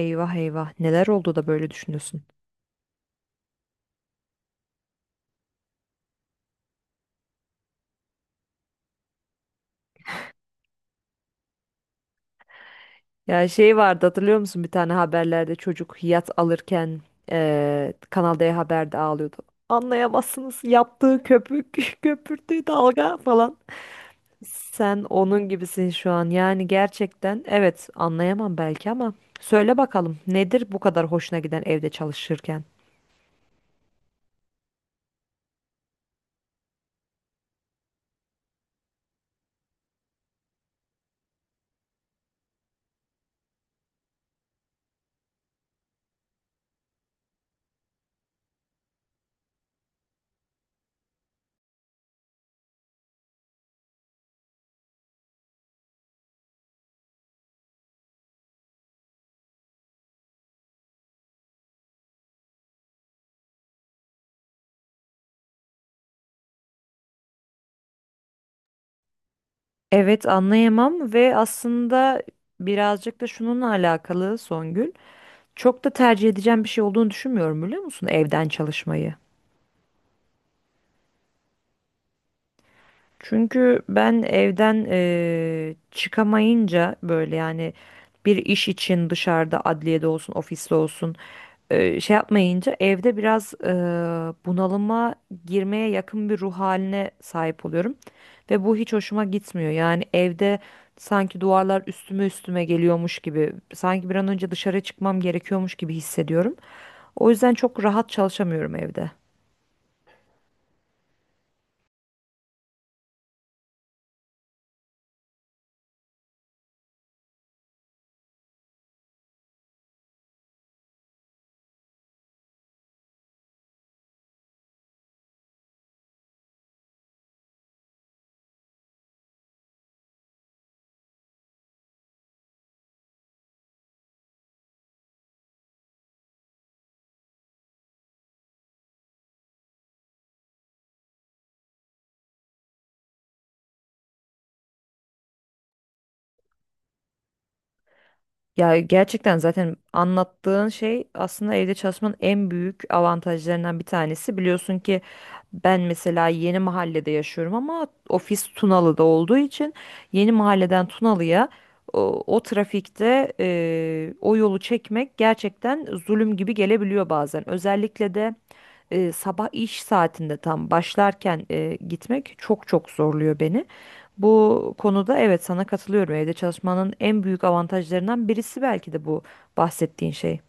Eyvah eyvah, neler oldu da böyle düşünüyorsun? Ya şey vardı, hatırlıyor musun, bir tane haberlerde çocuk yat alırken Kanal D Haber'de ağlıyordu. Anlayamazsınız yaptığı köpük, köpürttüğü dalga falan. Sen onun gibisin şu an, yani gerçekten evet anlayamam belki ama söyle bakalım, nedir bu kadar hoşuna giden evde çalışırken? Evet, anlayamam ve aslında birazcık da şununla alakalı Songül. Çok da tercih edeceğim bir şey olduğunu düşünmüyorum, biliyor musun, evden çalışmayı. Çünkü ben evden çıkamayınca, böyle yani bir iş için dışarıda, adliyede olsun, ofiste olsun, şey yapmayınca evde biraz bunalıma girmeye yakın bir ruh haline sahip oluyorum. Ve bu hiç hoşuma gitmiyor. Yani evde sanki duvarlar üstüme üstüme geliyormuş gibi, sanki bir an önce dışarı çıkmam gerekiyormuş gibi hissediyorum. O yüzden çok rahat çalışamıyorum evde. Ya gerçekten zaten anlattığın şey aslında evde çalışmanın en büyük avantajlarından bir tanesi. Biliyorsun ki ben mesela yeni mahallede yaşıyorum, ama ofis Tunalı'da olduğu için yeni mahalleden Tunalı'ya o trafikte, o yolu çekmek gerçekten zulüm gibi gelebiliyor bazen. Özellikle de sabah iş saatinde tam başlarken gitmek çok çok zorluyor beni. Bu konuda evet sana katılıyorum. Evde çalışmanın en büyük avantajlarından birisi belki de bu bahsettiğin şey.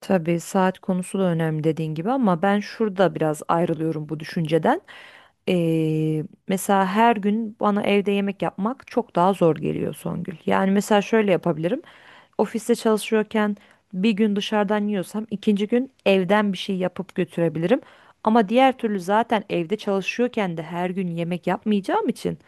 Tabii saat konusu da önemli dediğin gibi, ama ben şurada biraz ayrılıyorum bu düşünceden. Mesela her gün bana evde yemek yapmak çok daha zor geliyor Songül. Yani mesela şöyle yapabilirim. Ofiste çalışıyorken bir gün dışarıdan yiyorsam ikinci gün evden bir şey yapıp götürebilirim. Ama diğer türlü zaten evde çalışıyorken de her gün yemek yapmayacağım için,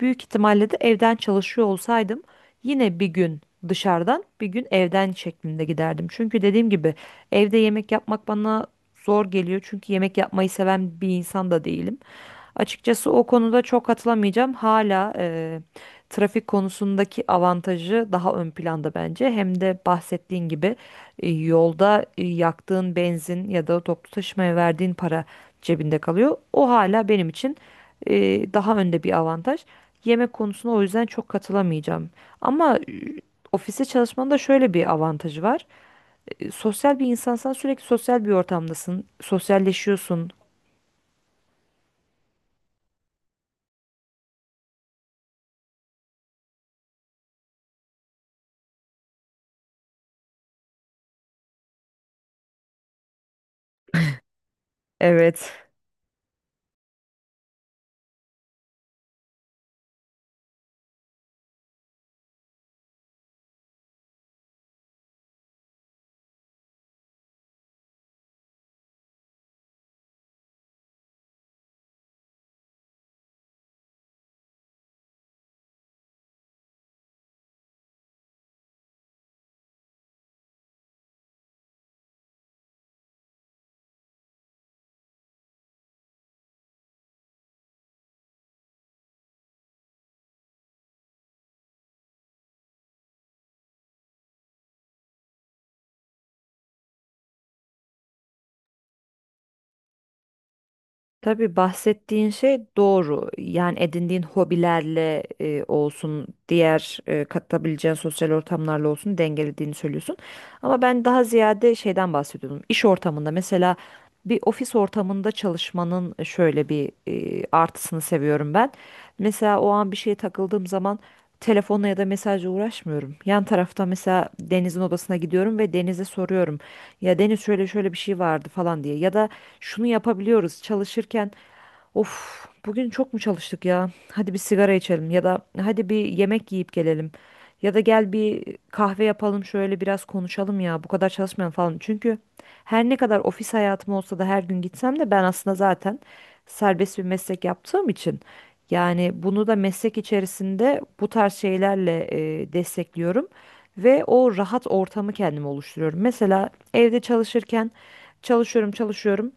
büyük ihtimalle de evden çalışıyor olsaydım yine bir gün dışarıdan, bir gün evden şeklinde giderdim. Çünkü dediğim gibi evde yemek yapmak bana zor geliyor. Çünkü yemek yapmayı seven bir insan da değilim. Açıkçası o konuda çok katılamayacağım. Hala trafik konusundaki avantajı daha ön planda bence. Hem de bahsettiğin gibi yolda yaktığın benzin ya da toplu taşımaya verdiğin para cebinde kalıyor. O hala benim için e, daha önde bir avantaj. Yemek konusuna o yüzden çok katılamayacağım. Ama ofiste çalışmanın da şöyle bir avantajı var. Sosyal bir insansan sürekli sosyal bir ortamdasın. Sosyalleşiyorsun. Evet. Tabii bahsettiğin şey doğru. Yani edindiğin hobilerle olsun, diğer katılabileceğin sosyal ortamlarla olsun dengelediğini söylüyorsun. Ama ben daha ziyade şeyden bahsediyordum. İş ortamında mesela bir ofis ortamında çalışmanın şöyle bir artısını seviyorum ben. Mesela o an bir şeye takıldığım zaman telefonla ya da mesajla uğraşmıyorum. Yan tarafta mesela Deniz'in odasına gidiyorum ve Deniz'e soruyorum. Ya Deniz, şöyle şöyle bir şey vardı falan diye. Ya da şunu yapabiliyoruz çalışırken. Of, bugün çok mu çalıştık ya? Hadi bir sigara içelim, ya da hadi bir yemek yiyip gelelim. Ya da gel bir kahve yapalım, şöyle biraz konuşalım ya, bu kadar çalışmayalım falan. Çünkü her ne kadar ofis hayatım olsa da, her gün gitsem de, ben aslında zaten serbest bir meslek yaptığım için, yani bunu da meslek içerisinde bu tarz şeylerle destekliyorum ve o rahat ortamı kendim oluşturuyorum. Mesela evde çalışırken çalışıyorum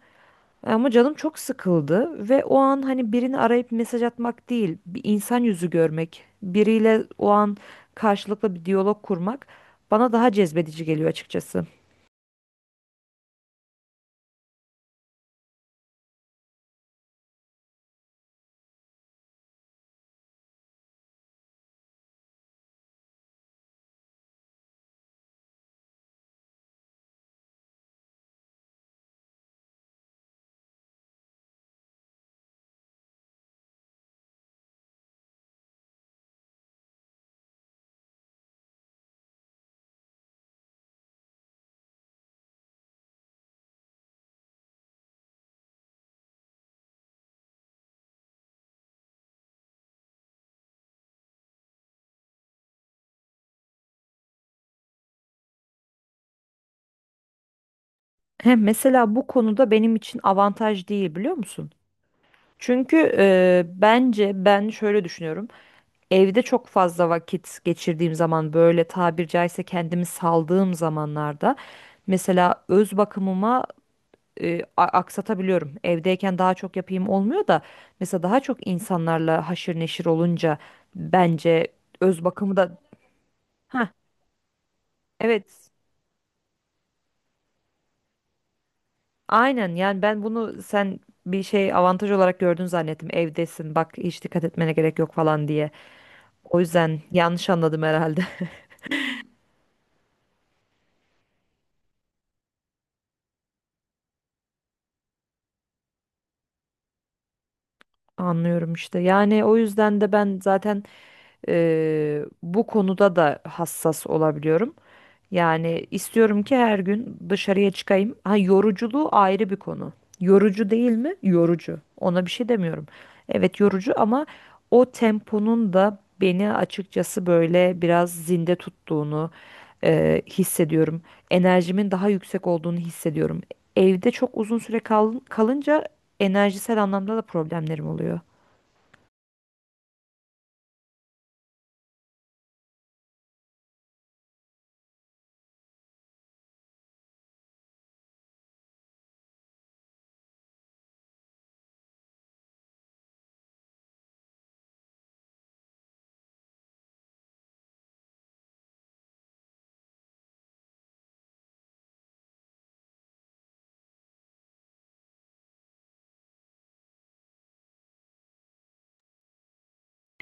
ama canım çok sıkıldı ve o an hani birini arayıp mesaj atmak değil, bir insan yüzü görmek, biriyle o an karşılıklı bir diyalog kurmak bana daha cezbedici geliyor açıkçası. Hem mesela bu konuda benim için avantaj değil, biliyor musun? Çünkü bence ben şöyle düşünüyorum. Evde çok fazla vakit geçirdiğim zaman, böyle tabir caizse kendimi saldığım zamanlarda, mesela öz bakımıma aksatabiliyorum. Evdeyken daha çok yapayım olmuyor da mesela daha çok insanlarla haşır neşir olunca bence öz bakımı da ha, evet, aynen. Yani ben bunu sen bir şey avantaj olarak gördün zannettim. Evdesin, bak hiç dikkat etmene gerek yok falan diye. O yüzden yanlış anladım herhalde. Anlıyorum işte. Yani o yüzden de ben zaten bu konuda da hassas olabiliyorum. Yani istiyorum ki her gün dışarıya çıkayım. Ha, yoruculuğu ayrı bir konu. Yorucu değil mi? Yorucu. Ona bir şey demiyorum. Evet yorucu, ama o temponun da beni açıkçası böyle biraz zinde tuttuğunu hissediyorum. Enerjimin daha yüksek olduğunu hissediyorum. Evde çok uzun süre kalınca enerjisel anlamda da problemlerim oluyor.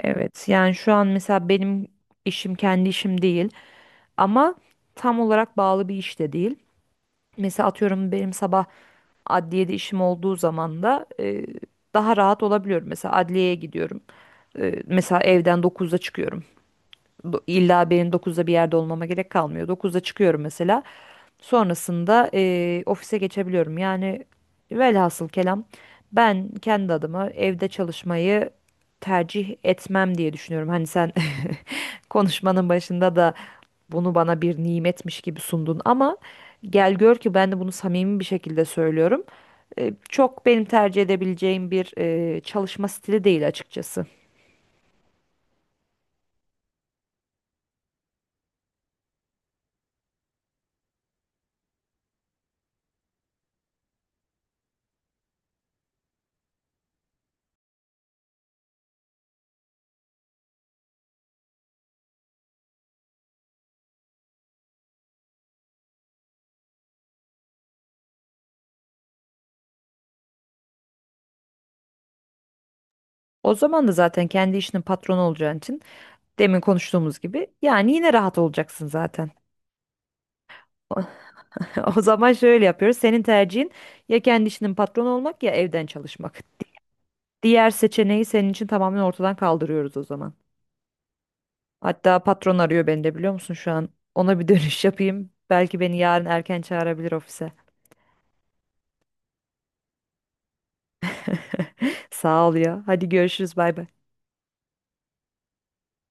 Evet yani şu an mesela benim işim kendi işim değil, ama tam olarak bağlı bir iş de değil. Mesela atıyorum, benim sabah adliyede işim olduğu zaman da daha rahat olabiliyorum. Mesela adliyeye gidiyorum. Mesela evden dokuzda çıkıyorum. İlla benim 9'da bir yerde olmama gerek kalmıyor. Dokuzda çıkıyorum mesela. Sonrasında ofise geçebiliyorum. Yani velhasıl kelam, ben kendi adıma evde çalışmayı tercih etmem diye düşünüyorum. Hani sen konuşmanın başında da bunu bana bir nimetmiş gibi sundun, ama gel gör ki ben de bunu samimi bir şekilde söylüyorum. Çok benim tercih edebileceğim bir çalışma stili değil açıkçası. O zaman da zaten kendi işinin patronu olacağın için, demin konuştuğumuz gibi, yani yine rahat olacaksın zaten. O, o zaman şöyle yapıyoruz. Senin tercihin ya kendi işinin patronu olmak ya evden çalışmak. Diğer seçeneği senin için tamamen ortadan kaldırıyoruz o zaman. Hatta patron arıyor beni de, biliyor musun şu an? Ona bir dönüş yapayım. Belki beni yarın erken çağırabilir ofise. Sağ ol ya. Hadi görüşürüz, bay bay.